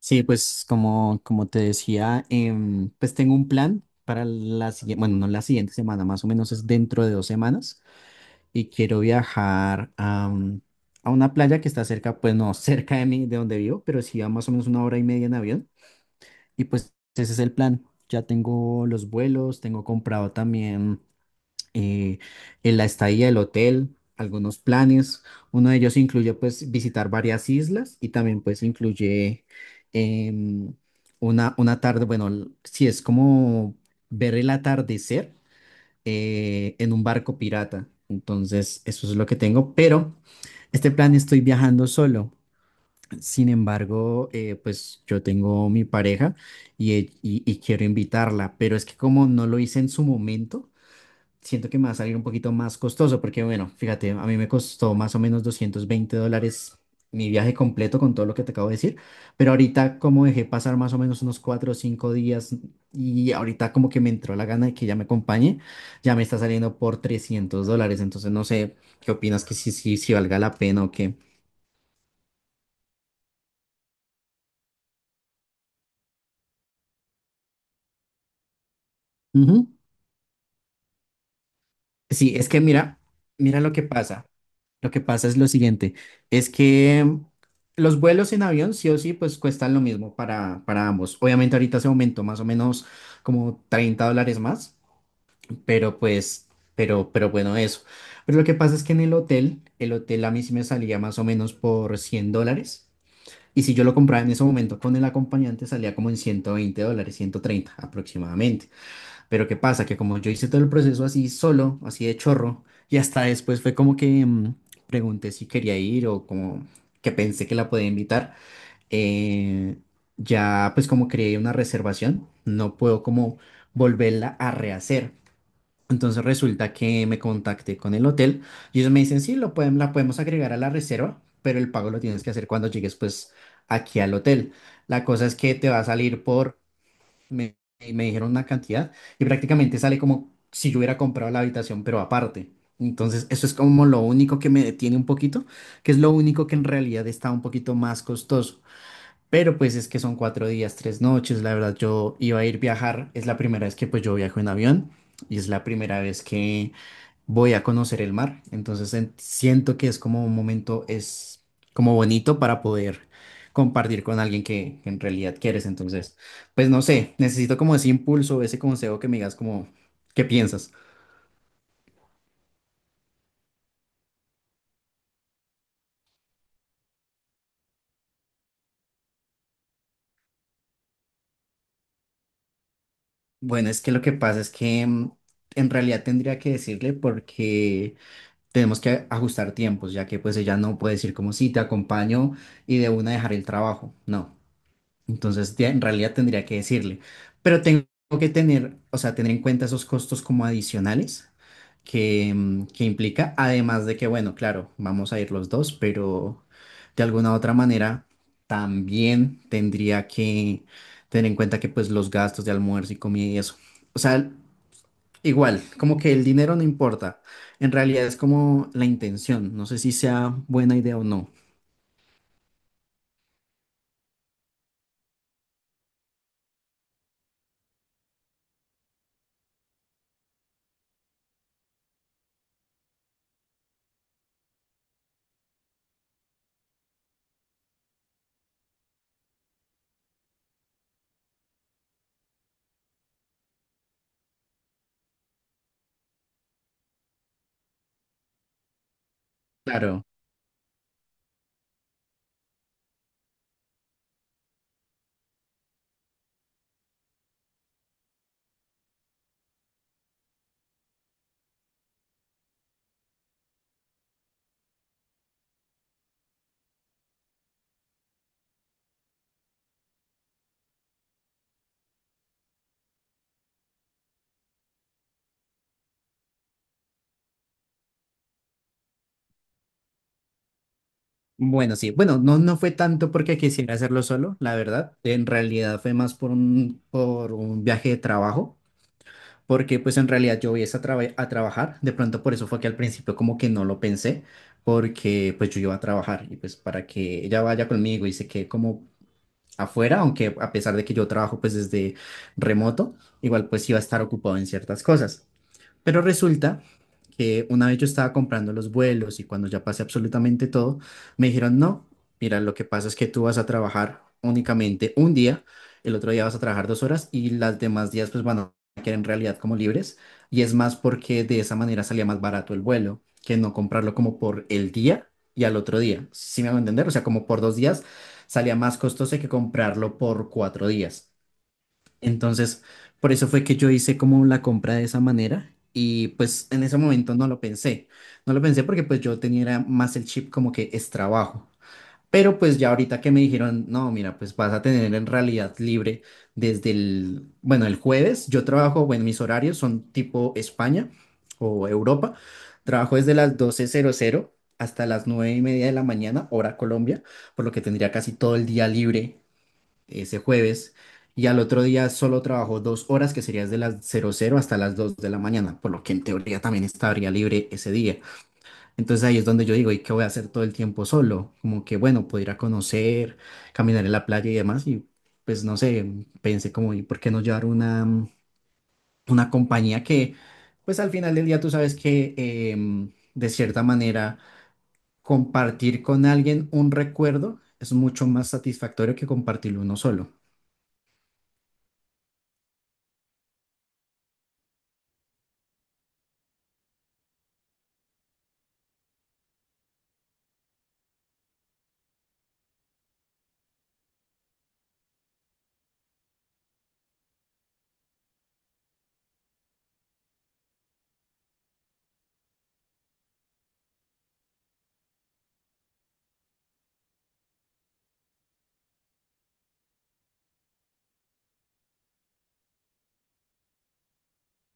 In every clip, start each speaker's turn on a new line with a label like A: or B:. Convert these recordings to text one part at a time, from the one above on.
A: Sí, pues como te decía, pues tengo un plan para la siguiente, bueno, no la siguiente semana, más o menos es dentro de 2 semanas y quiero viajar a una playa que está cerca, pues no cerca de mí, de donde vivo, pero sí a más o menos una hora y media en avión y pues ese es el plan. Ya tengo los vuelos, tengo comprado también eh, en la estadía del hotel, algunos planes. Uno de ellos incluye pues visitar varias islas y también pues incluye em, una tarde, bueno, si es como ver el atardecer en un barco pirata. Entonces, eso es lo que tengo, pero este plan estoy viajando solo. Sin embargo, pues yo tengo mi pareja y, y quiero invitarla, pero es que como no lo hice en su momento, siento que me va a salir un poquito más costoso, porque bueno, fíjate, a mí me costó más o menos $220 mi viaje completo con todo lo que te acabo de decir, pero ahorita como dejé pasar más o menos unos 4 o 5 días y ahorita como que me entró la gana de que ya me acompañe, ya me está saliendo por $300, entonces no sé qué opinas que si valga la pena o qué. Ujú. Sí, es que mira, mira lo que pasa. Lo que pasa es lo siguiente, es que los vuelos en avión sí o sí pues cuestan lo mismo para ambos. Obviamente ahorita se aumentó más o menos como $30 más, pero pues, pero bueno, eso. Pero lo que pasa es que en el hotel a mí sí me salía más o menos por $100. Y si yo lo compraba en ese momento con el acompañante salía como en $120, 130 aproximadamente. Pero ¿qué pasa? Que como yo hice todo el proceso así solo, así de chorro, y hasta después fue como que pregunté si quería ir o como que pensé que la podía invitar, eh, ya pues como creé una reservación, no puedo como volverla a rehacer. Entonces resulta que me contacté con el hotel y ellos me dicen, sí, lo pueden, la podemos agregar a la reserva, pero el pago lo tienes que hacer cuando llegues pues aquí al hotel. La cosa es que te va a salir me, me dijeron una cantidad y prácticamente sale como si yo hubiera comprado la habitación, pero aparte. Entonces, eso es como lo único que me detiene un poquito, que es lo único que en realidad está un poquito más costoso. Pero pues es que son 4 días, 3 noches, la verdad yo iba a ir viajar, es la primera vez que pues yo viajo en avión y es la primera vez que voy a conocer el mar. Entonces siento que es como un momento, es como bonito para poder compartir con alguien que en realidad quieres. Entonces, pues no sé, necesito como ese impulso, ese consejo que me digas como, ¿qué piensas? Bueno, es que lo que pasa es que en realidad tendría que decirle porque tenemos que ajustar tiempos, ya que pues ella no puede decir como sí, te acompaño y de una dejar el trabajo. No. Entonces, ya en realidad tendría que decirle, pero tengo que tener, o sea, tener en cuenta esos costos como adicionales que implica, además de que, bueno, claro, vamos a ir los dos, pero de alguna u otra manera también tendría que tener en cuenta que pues los gastos de almuerzo y comida y eso. O sea, igual, como que el dinero no importa, en realidad es como la intención, no sé si sea buena idea o no. Claro. Bueno, sí, bueno, no, no fue tanto porque quisiera hacerlo solo, la verdad. En realidad fue más por un viaje de trabajo, porque pues en realidad yo voy es a trabajar. De pronto por eso fue que al principio como que no lo pensé, porque pues yo iba a trabajar y pues para que ella vaya conmigo y se quede como afuera, aunque a pesar de que yo trabajo pues desde remoto, igual pues iba a estar ocupado en ciertas cosas. Pero resulta que una vez yo estaba comprando los vuelos y cuando ya pasé absolutamente todo, me dijeron, no, mira, lo que pasa es que tú vas a trabajar únicamente un día, el otro día vas a trabajar 2 horas y las demás días pues van a quedar en realidad como libres. Y es más porque de esa manera salía más barato el vuelo que no comprarlo como por el día y al otro día. ¿Sí me hago entender? O sea, como por 2 días salía más costoso que comprarlo por 4 días. Entonces, por eso fue que yo hice como la compra de esa manera y pues en ese momento no lo pensé. No lo pensé porque pues yo tenía era más el chip como que es trabajo. Pero pues ya ahorita que me dijeron, no, mira, pues vas a tener en realidad libre desde el, bueno, el jueves. Yo trabajo, bueno, mis horarios son tipo España o Europa. Trabajo desde las 12:00 hasta las 9:30 de la mañana, hora Colombia, por lo que tendría casi todo el día libre ese jueves y al otro día solo trabajó 2 horas, que sería desde las 00:00 hasta las 2 de la mañana, por lo que en teoría también estaría libre ese día. Entonces ahí es donde yo digo, ¿y qué voy a hacer todo el tiempo solo? Como que bueno, puedo ir a conocer, caminar en la playa y demás y pues no sé, pensé como, ¿y por qué no llevar una compañía que pues al final del día tú sabes que de cierta manera compartir con alguien un recuerdo es mucho más satisfactorio que compartirlo uno solo.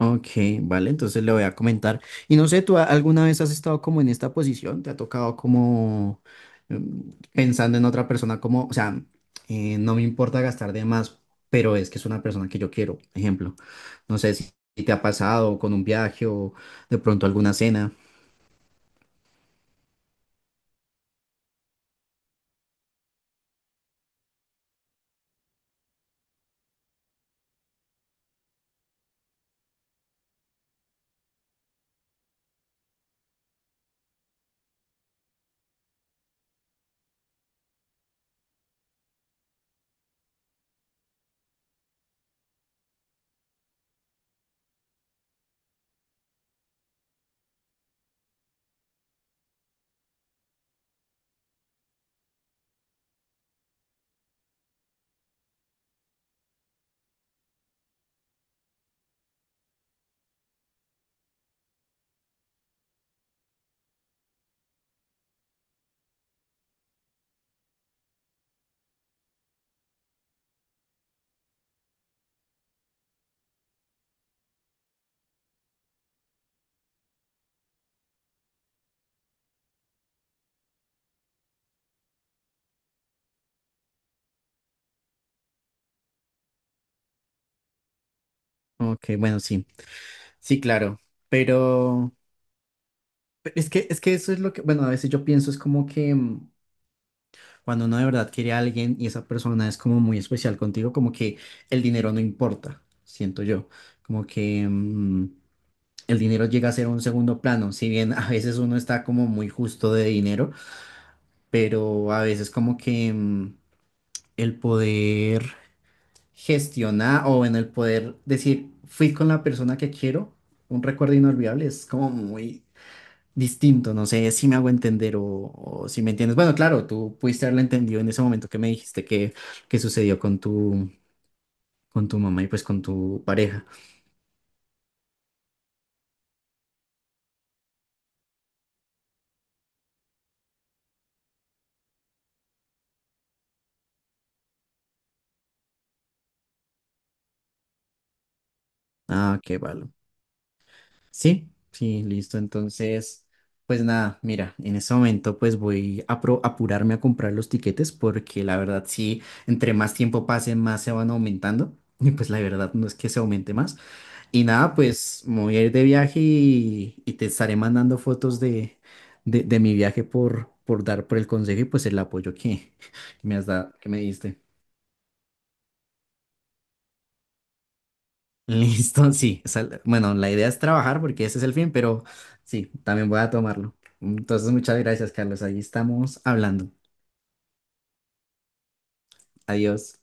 A: Ok, vale, entonces le voy a comentar. Y no sé, ¿tú alguna vez has estado como en esta posición? ¿Te ha tocado como pensando en otra persona como, o sea, no me importa gastar de más, pero es que es una persona que yo quiero, ejemplo. No sé si te ha pasado con un viaje o de pronto alguna cena. Ok, bueno, sí, sí, claro, pero pero es que eso es lo que, bueno, a veces yo pienso, es como que, cuando uno de verdad quiere a alguien y esa persona es como muy especial contigo, como que el dinero no importa, siento yo. Como que el dinero llega a ser un segundo plano, si bien a veces uno está como muy justo de dinero, pero a veces como que el poder gestionar o en el poder decir, fui con la persona que quiero, un recuerdo inolvidable, es como muy distinto, no sé si me hago entender o si me entiendes. Bueno, claro, tú pudiste haberla entendido en ese momento que me dijiste que sucedió con tu mamá y pues con tu pareja. Ah, qué valor. Sí, sí, listo. Entonces, pues nada, mira, en ese momento pues voy a apurarme a comprar los tiquetes porque la verdad sí, entre más tiempo pase, más se van aumentando. Y pues la verdad no es que se aumente más. Y nada, pues me voy a ir de viaje y te estaré mandando fotos de mi viaje por dar por el consejo y pues el apoyo que, que me has dado, que me diste. Listo, sí. Bueno, la idea es trabajar porque ese es el fin, pero sí, también voy a tomarlo. Entonces, muchas gracias, Carlos. Ahí estamos hablando. Adiós.